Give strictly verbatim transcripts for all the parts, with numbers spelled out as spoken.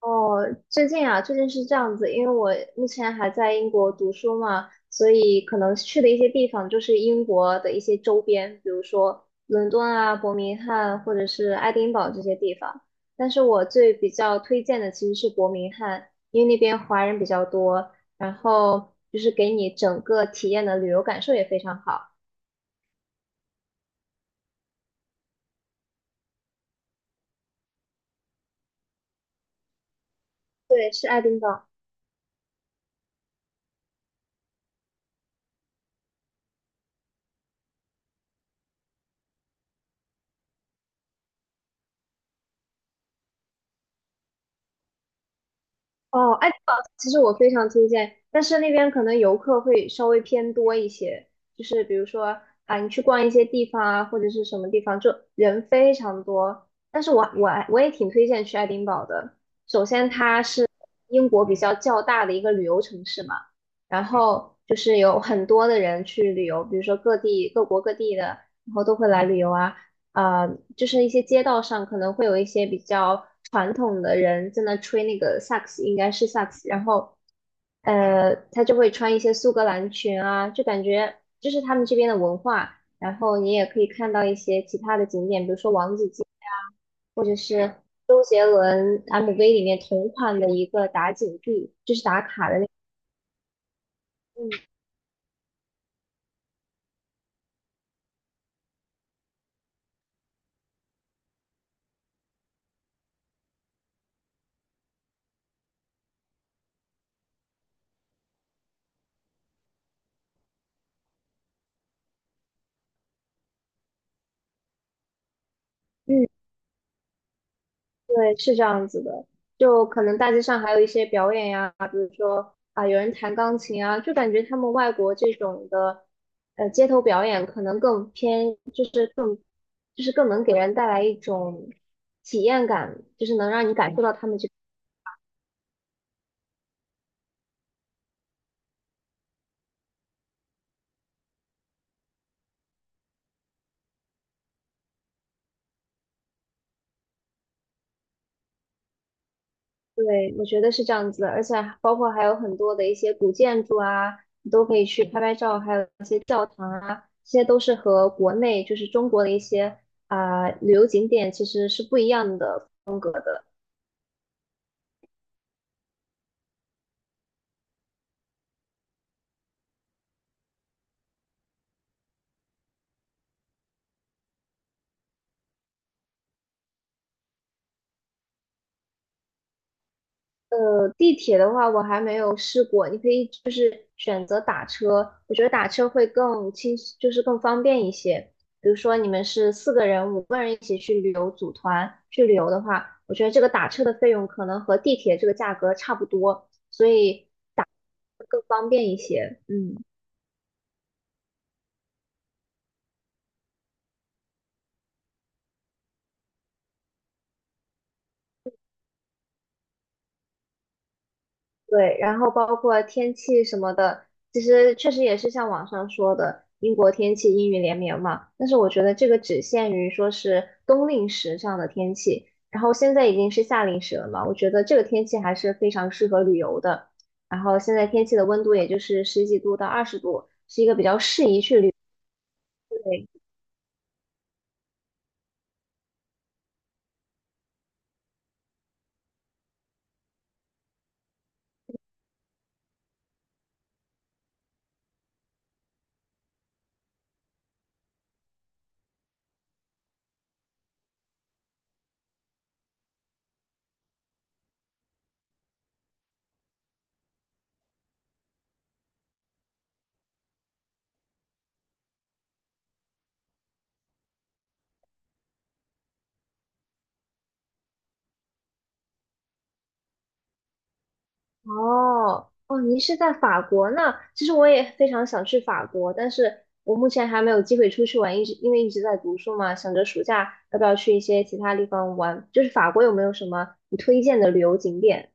哦，最近啊，最近是这样子，因为我目前还在英国读书嘛，所以可能去的一些地方就是英国的一些周边，比如说伦敦啊、伯明翰或者是爱丁堡这些地方。但是我最比较推荐的其实是伯明翰，因为那边华人比较多，然后就是给你整个体验的旅游感受也非常好。对，是爱丁堡。哦，爱丁堡其实我非常推荐，但是那边可能游客会稍微偏多一些，就是比如说啊，你去逛一些地方啊，或者是什么地方，就人非常多。但是我我我也挺推荐去爱丁堡的。首先，它是英国比较较大的一个旅游城市嘛，然后就是有很多的人去旅游，比如说各地各国各地的，然后都会来旅游啊。呃，就是一些街道上可能会有一些比较传统的人在那吹那个萨克斯，应该是萨克斯，然后呃，他就会穿一些苏格兰裙啊，就感觉这是他们这边的文化。然后你也可以看到一些其他的景点，比如说王子街啊，或者是杰伦 M V 里面同款的一个打井地，就是打卡的那个。嗯，嗯，对，是这样子的，就可能大街上还有一些表演呀，比如说啊，有人弹钢琴啊，就感觉他们外国这种的，呃，街头表演可能更偏，就是更，就是更能给人带来一种体验感，就是能让你感受到他们这对，我觉得是这样子的，而且包括还有很多的一些古建筑啊，你都可以去拍拍照，还有一些教堂啊，这些都是和国内就是中国的一些啊、旅游景点其实是不一样的呃，地铁的话我还没有试过，你可以就是选择打车，我觉得打车会更轻，就是更方便一些。比如说你们是四个人、五个人一起去旅游，组团去旅游的话，我觉得这个打车的费用可能和地铁这个价格差不多，所以会更方便一些。嗯。对，然后包括天气什么的，其实确实也是像网上说的，英国天气阴雨连绵嘛。但是我觉得这个只限于说是冬令时这样的天气，然后现在已经是夏令时了嘛，我觉得这个天气还是非常适合旅游的。然后现在天气的温度也就是十几度到二十度，是一个比较适宜去旅。游。哦，哦，您是在法国那？其实我也非常想去法国，但是我目前还没有机会出去玩，一直因为一直在读书嘛，想着暑假要不要去一些其他地方玩。就是法国有没有什么你推荐的旅游景点？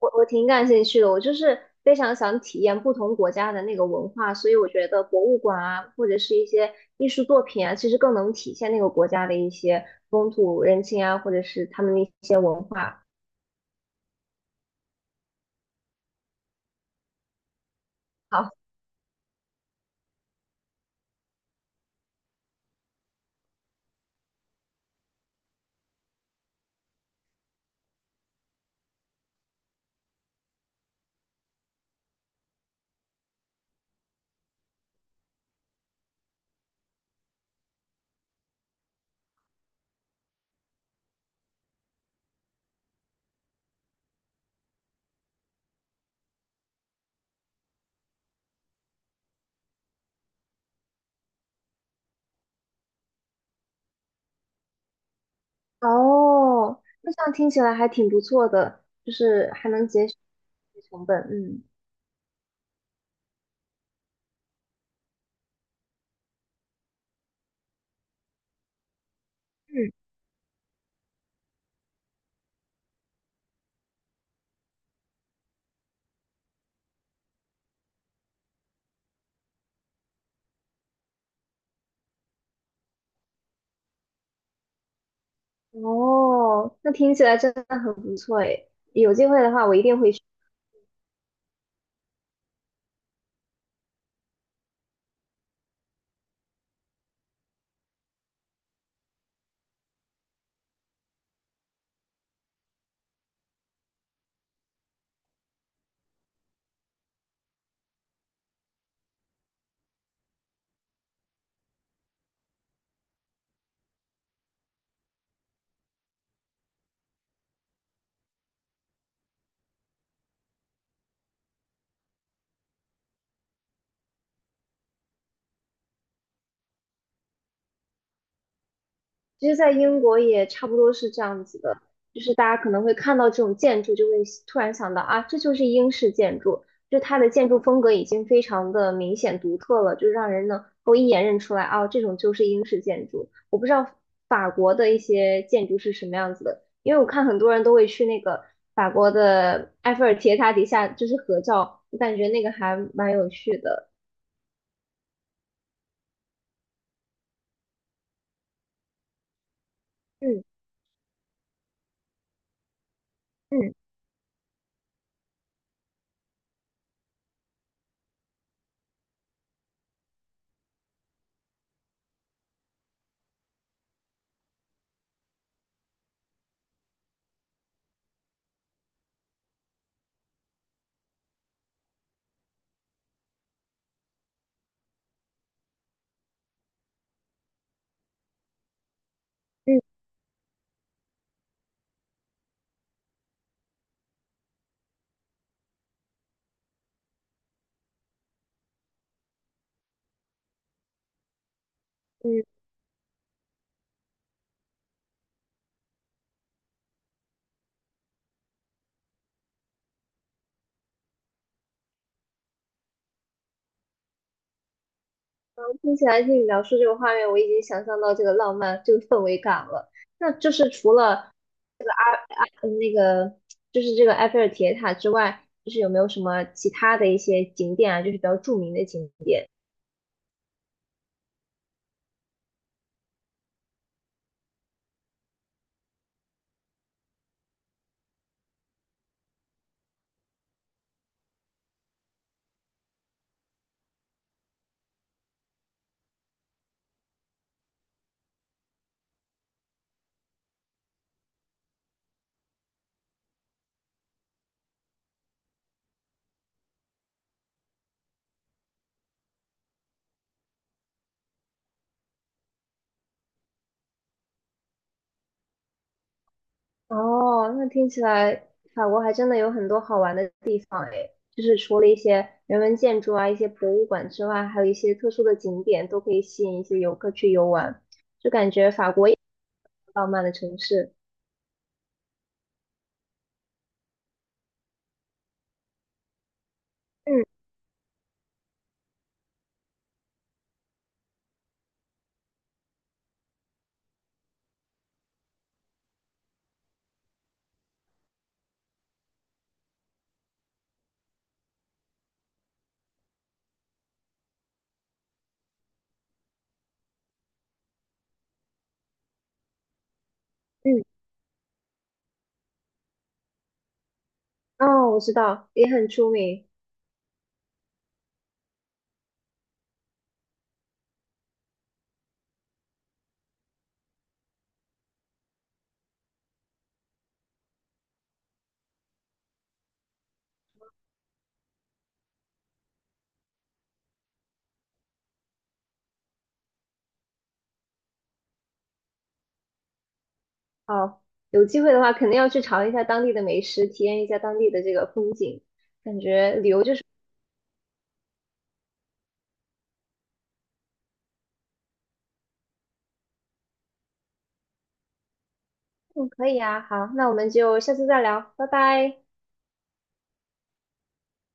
我我挺感兴趣的，我就是非常想体验不同国家的那个文化，所以我觉得博物馆啊，或者是一些艺术作品啊，其实更能体现那个国家的一些风土人情啊，或者是他们的一些文化。好。哦，那这样听起来还挺不错的，就是还能节省成本，嗯。嗯，哦，那听起来真的很不错诶，有机会的话我一定会。去。其实，在英国也差不多是这样子的，就是大家可能会看到这种建筑，就会突然想到啊，这就是英式建筑，就它的建筑风格已经非常的明显独特了，就让人能够一眼认出来啊，这种就是英式建筑。我不知道法国的一些建筑是什么样子的，因为我看很多人都会去那个法国的埃菲尔铁塔底下就是合照，我感觉那个还蛮有趣的。嗯嗯嗯嗯。听起来听你描述这个画面，我已经想象到这个浪漫、这个氛围感了。那就是除了嗯那个，就是这个埃菲尔铁塔之外，就是有没有什么其他的一些景点啊，就是比较著名的景点？哦，那听起来法国还真的有很多好玩的地方诶，就是除了一些人文建筑啊、一些博物馆之外，还有一些特殊的景点都可以吸引一些游客去游玩，就感觉法国也是一个浪漫的城市。嗯嗯，哦，我知道，也很出名。好，有机会的话，肯定要去尝一下当地的美食，体验一下当地的这个风景，感觉旅游就是嗯，可以啊。好，那我们就下次再聊，拜拜。